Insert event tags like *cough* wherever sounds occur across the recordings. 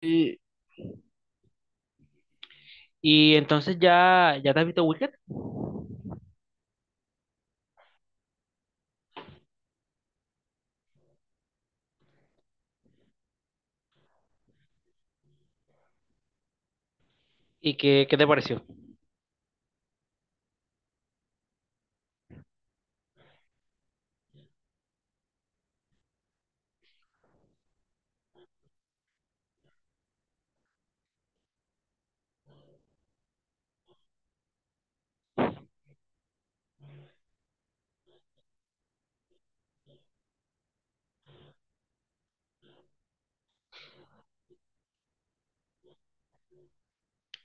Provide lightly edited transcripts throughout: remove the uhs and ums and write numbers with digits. Y, y entonces ya te has visto Wicked. ¿Y qué te pareció?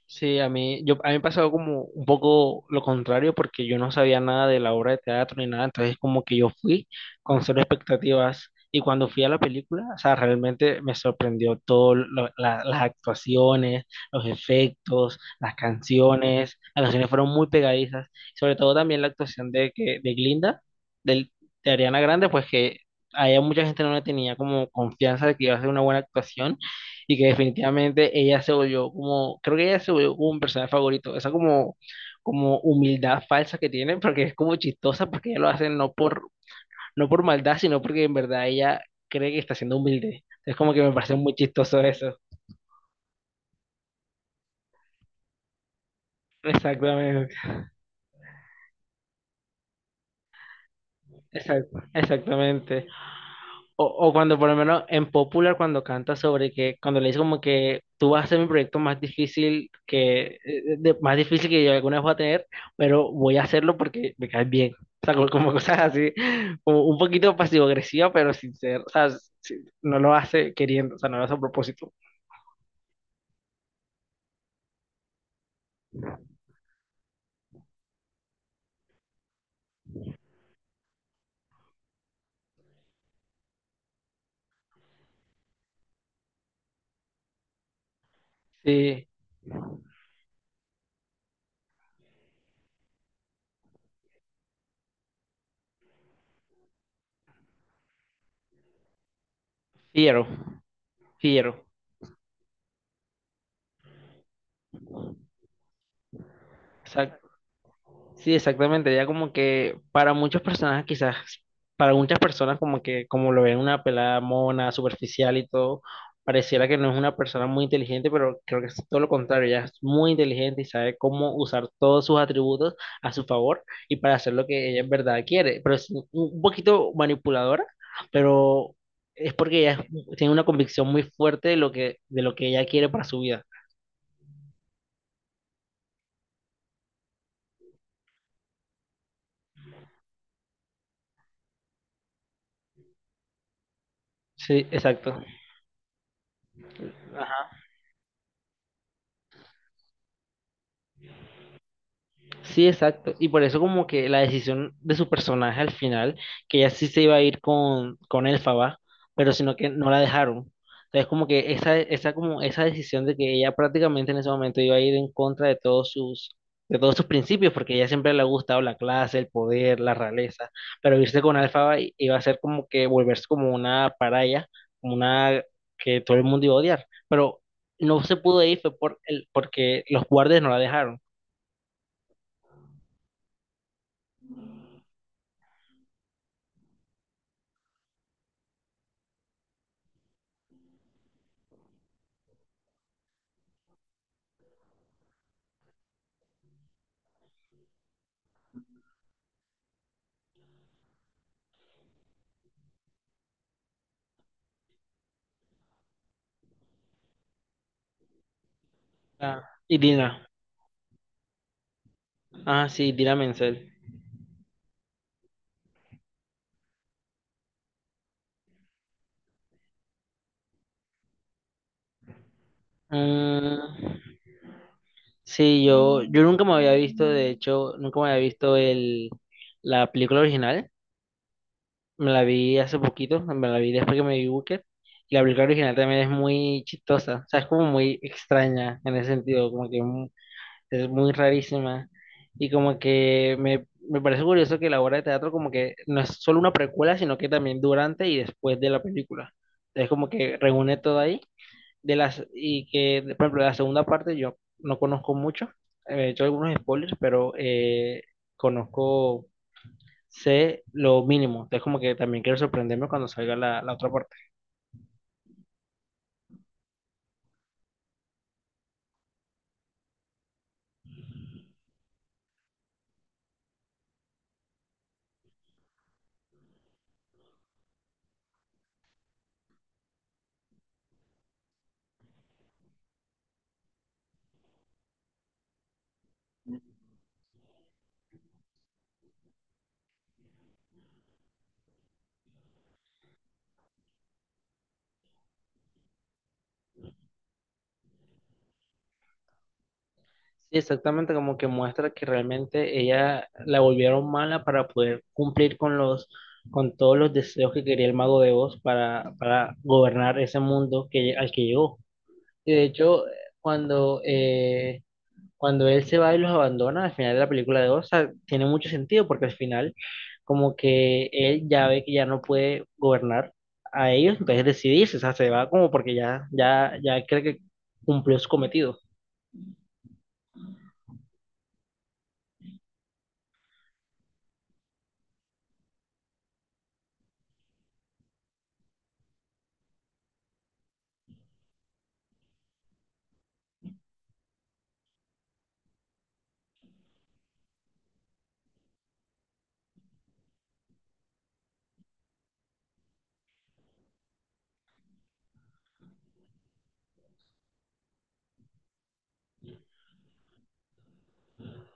Sí, a mí, a mí me pasó como un poco lo contrario porque yo no sabía nada de la obra de teatro ni nada, entonces como que yo fui con cero expectativas y cuando fui a la película, o sea, realmente me sorprendió todo, las actuaciones, los efectos, las canciones fueron muy pegadizas, sobre todo también la actuación de, que, de Glinda, del, de Ariana Grande, pues que a ella mucha gente no le tenía como confianza de que iba a hacer una buena actuación y que definitivamente ella se volvió como, creo que ella se volvió como un personaje favorito, esa como, como humildad falsa que tiene, porque es como chistosa, porque ella lo hace no por maldad, sino porque en verdad ella cree que está siendo humilde. Es como que me parece muy chistoso eso. Exactamente, exactamente. O cuando por lo menos en Popular, cuando canta sobre que, cuando le dice como que tú vas a hacer mi proyecto más difícil que, más difícil que yo alguna vez voy a tener, pero voy a hacerlo porque me caes bien. O sea, como, como *laughs* cosas así, como un poquito pasivo-agresiva, pero sincero. O sea, sí, no lo hace queriendo, o sea, no lo hace a propósito. Sí, fiero, fiero. Sí, exactamente. Ya como que para muchas personas quizás, para muchas personas como que como lo ven una pelada mona, superficial y todo, pareciera que no es una persona muy inteligente, pero creo que es todo lo contrario. Ella es muy inteligente y sabe cómo usar todos sus atributos a su favor y para hacer lo que ella en verdad quiere. Pero es un poquito manipuladora, pero es porque tiene una convicción muy fuerte de lo que ella quiere para su vida. Sí, exacto. Sí, exacto. Y por eso como que la decisión de su personaje al final, que ella sí se iba a ir con Elphaba, pero sino que no la dejaron. Entonces como que esa, como esa decisión de que ella prácticamente en ese momento iba a ir en contra de todos sus principios, porque a ella siempre le ha gustado la clase, el poder, la realeza, pero irse con Elphaba iba a ser como que volverse como una paraya, como una que todo el mundo iba a odiar. Pero no se pudo ir fue por porque los guardias no la dejaron. Ah, y Dina. Ah, sí, Dina Menzel. Ah, sí, yo nunca me había visto, de hecho, nunca me había visto la película original. Me la vi hace poquito, me la vi después que me vi Booker. Y la película original también es muy chistosa, o sea, es como muy extraña en ese sentido, es muy rarísima. Y como que me parece curioso que la obra de teatro como que no es solo una precuela, sino que también durante y después de la película. Es como que reúne todo ahí. De las, y que, por ejemplo, la segunda parte yo no conozco mucho, he hecho algunos spoilers, pero conozco, sé lo mínimo, es como que también quiero sorprenderme cuando salga la, la otra parte. Sí, exactamente, como que muestra que realmente ella la volvieron mala para poder cumplir con los, con todos los deseos que quería el mago de Oz para gobernar ese mundo que, al que llegó. Y de hecho, cuando eh, cuando él se va y los abandona al final de la película de Osa, tiene mucho sentido porque al final como que él ya ve que ya no puede gobernar a ellos, entonces decidirse, o sea, se va como porque ya, ya, ya cree que cumplió su cometido.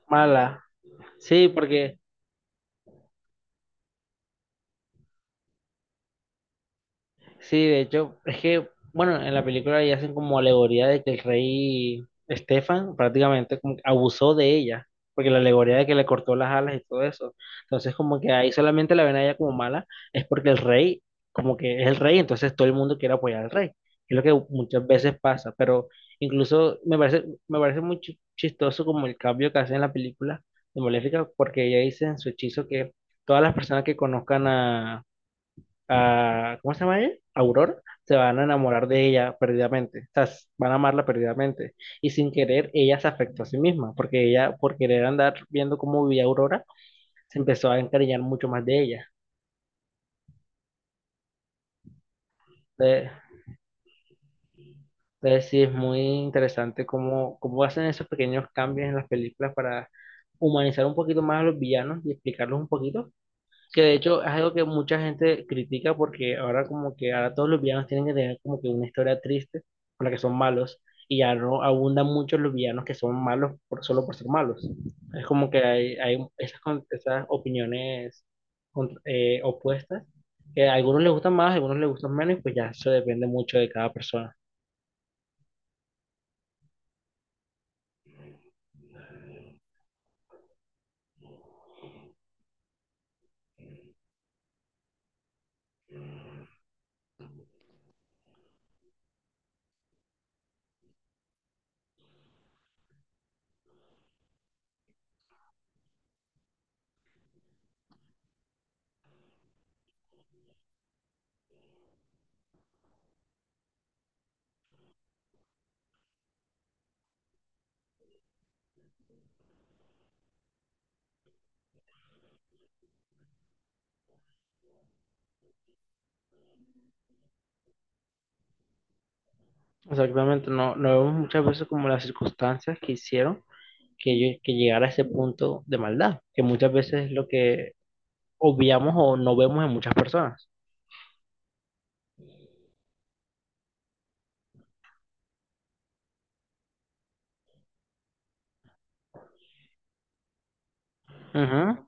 Mala. Sí, porque sí, de hecho, es que, bueno, en la película ya hacen como alegoría de que el rey Estefan prácticamente como que abusó de ella, porque la alegoría de que le cortó las alas y todo eso. Entonces, como que ahí solamente la ven a ella como mala, es porque como que es el rey, entonces todo el mundo quiere apoyar al rey. Es lo que muchas veces pasa, pero incluso me parece muy chistoso como el cambio que hace en la película de Maléfica, porque ella dice en su hechizo que todas las personas que conozcan a ¿cómo se llama ella? Aurora, se van a enamorar de ella perdidamente, o sea, van a amarla perdidamente. Y sin querer, ella se afectó a sí misma, porque ella, por querer andar viendo cómo vivía Aurora, se empezó a encariñar mucho más de ella. Entonces, entonces sí, es muy interesante cómo, cómo hacen esos pequeños cambios en las películas para humanizar un poquito más a los villanos y explicarlos un poquito. Que de hecho es algo que mucha gente critica porque ahora como que ahora todos los villanos tienen que tener como que una historia triste por la que son malos y ya no abundan mucho los villanos que son malos por, solo por ser malos. Es como que hay esas, esas opiniones opuestas que a algunos les gustan más, a algunos les gustan menos y pues ya eso depende mucho de cada persona. O sea, obviamente no, no vemos muchas veces como las circunstancias que hicieron que llegara a ese punto de maldad, que muchas veces es lo que obviamos o no vemos en muchas personas. Ujú,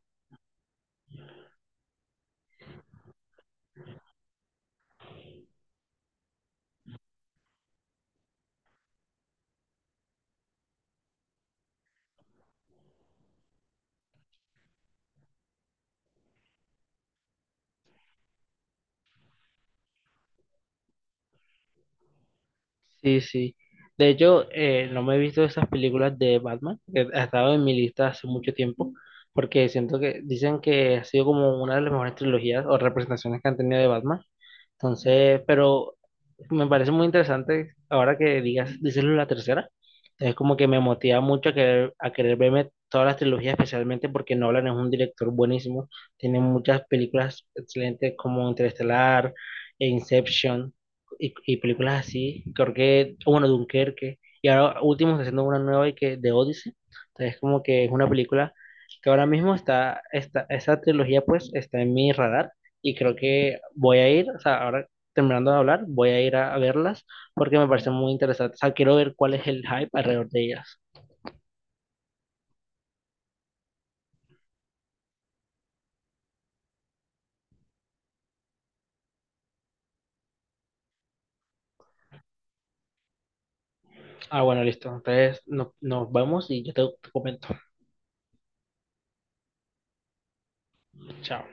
sí, sí. De hecho, no me he visto esas películas de Batman, que ha estado en mi lista hace mucho tiempo, porque siento que dicen que ha sido como una de las mejores trilogías o representaciones que han tenido de Batman. Entonces, pero me parece muy interesante ahora que dices la tercera. Es como que me motiva mucho a querer verme todas las trilogías, especialmente porque Nolan es un director buenísimo. Tiene muchas películas excelentes como Interestelar, e Inception y películas así. Creo que, bueno, Dunkerque. Y ahora último está haciendo una nueva y que de Odyssey. Entonces, como que es una película que ahora mismo está, esa trilogía pues está en mi radar y creo que voy a ir, o sea, ahora terminando de hablar, voy a ir a verlas porque me parecen muy interesantes. O sea, quiero ver cuál es el hype alrededor de ellas. Ah, bueno, listo. Entonces nos vemos y yo te comento. Chao.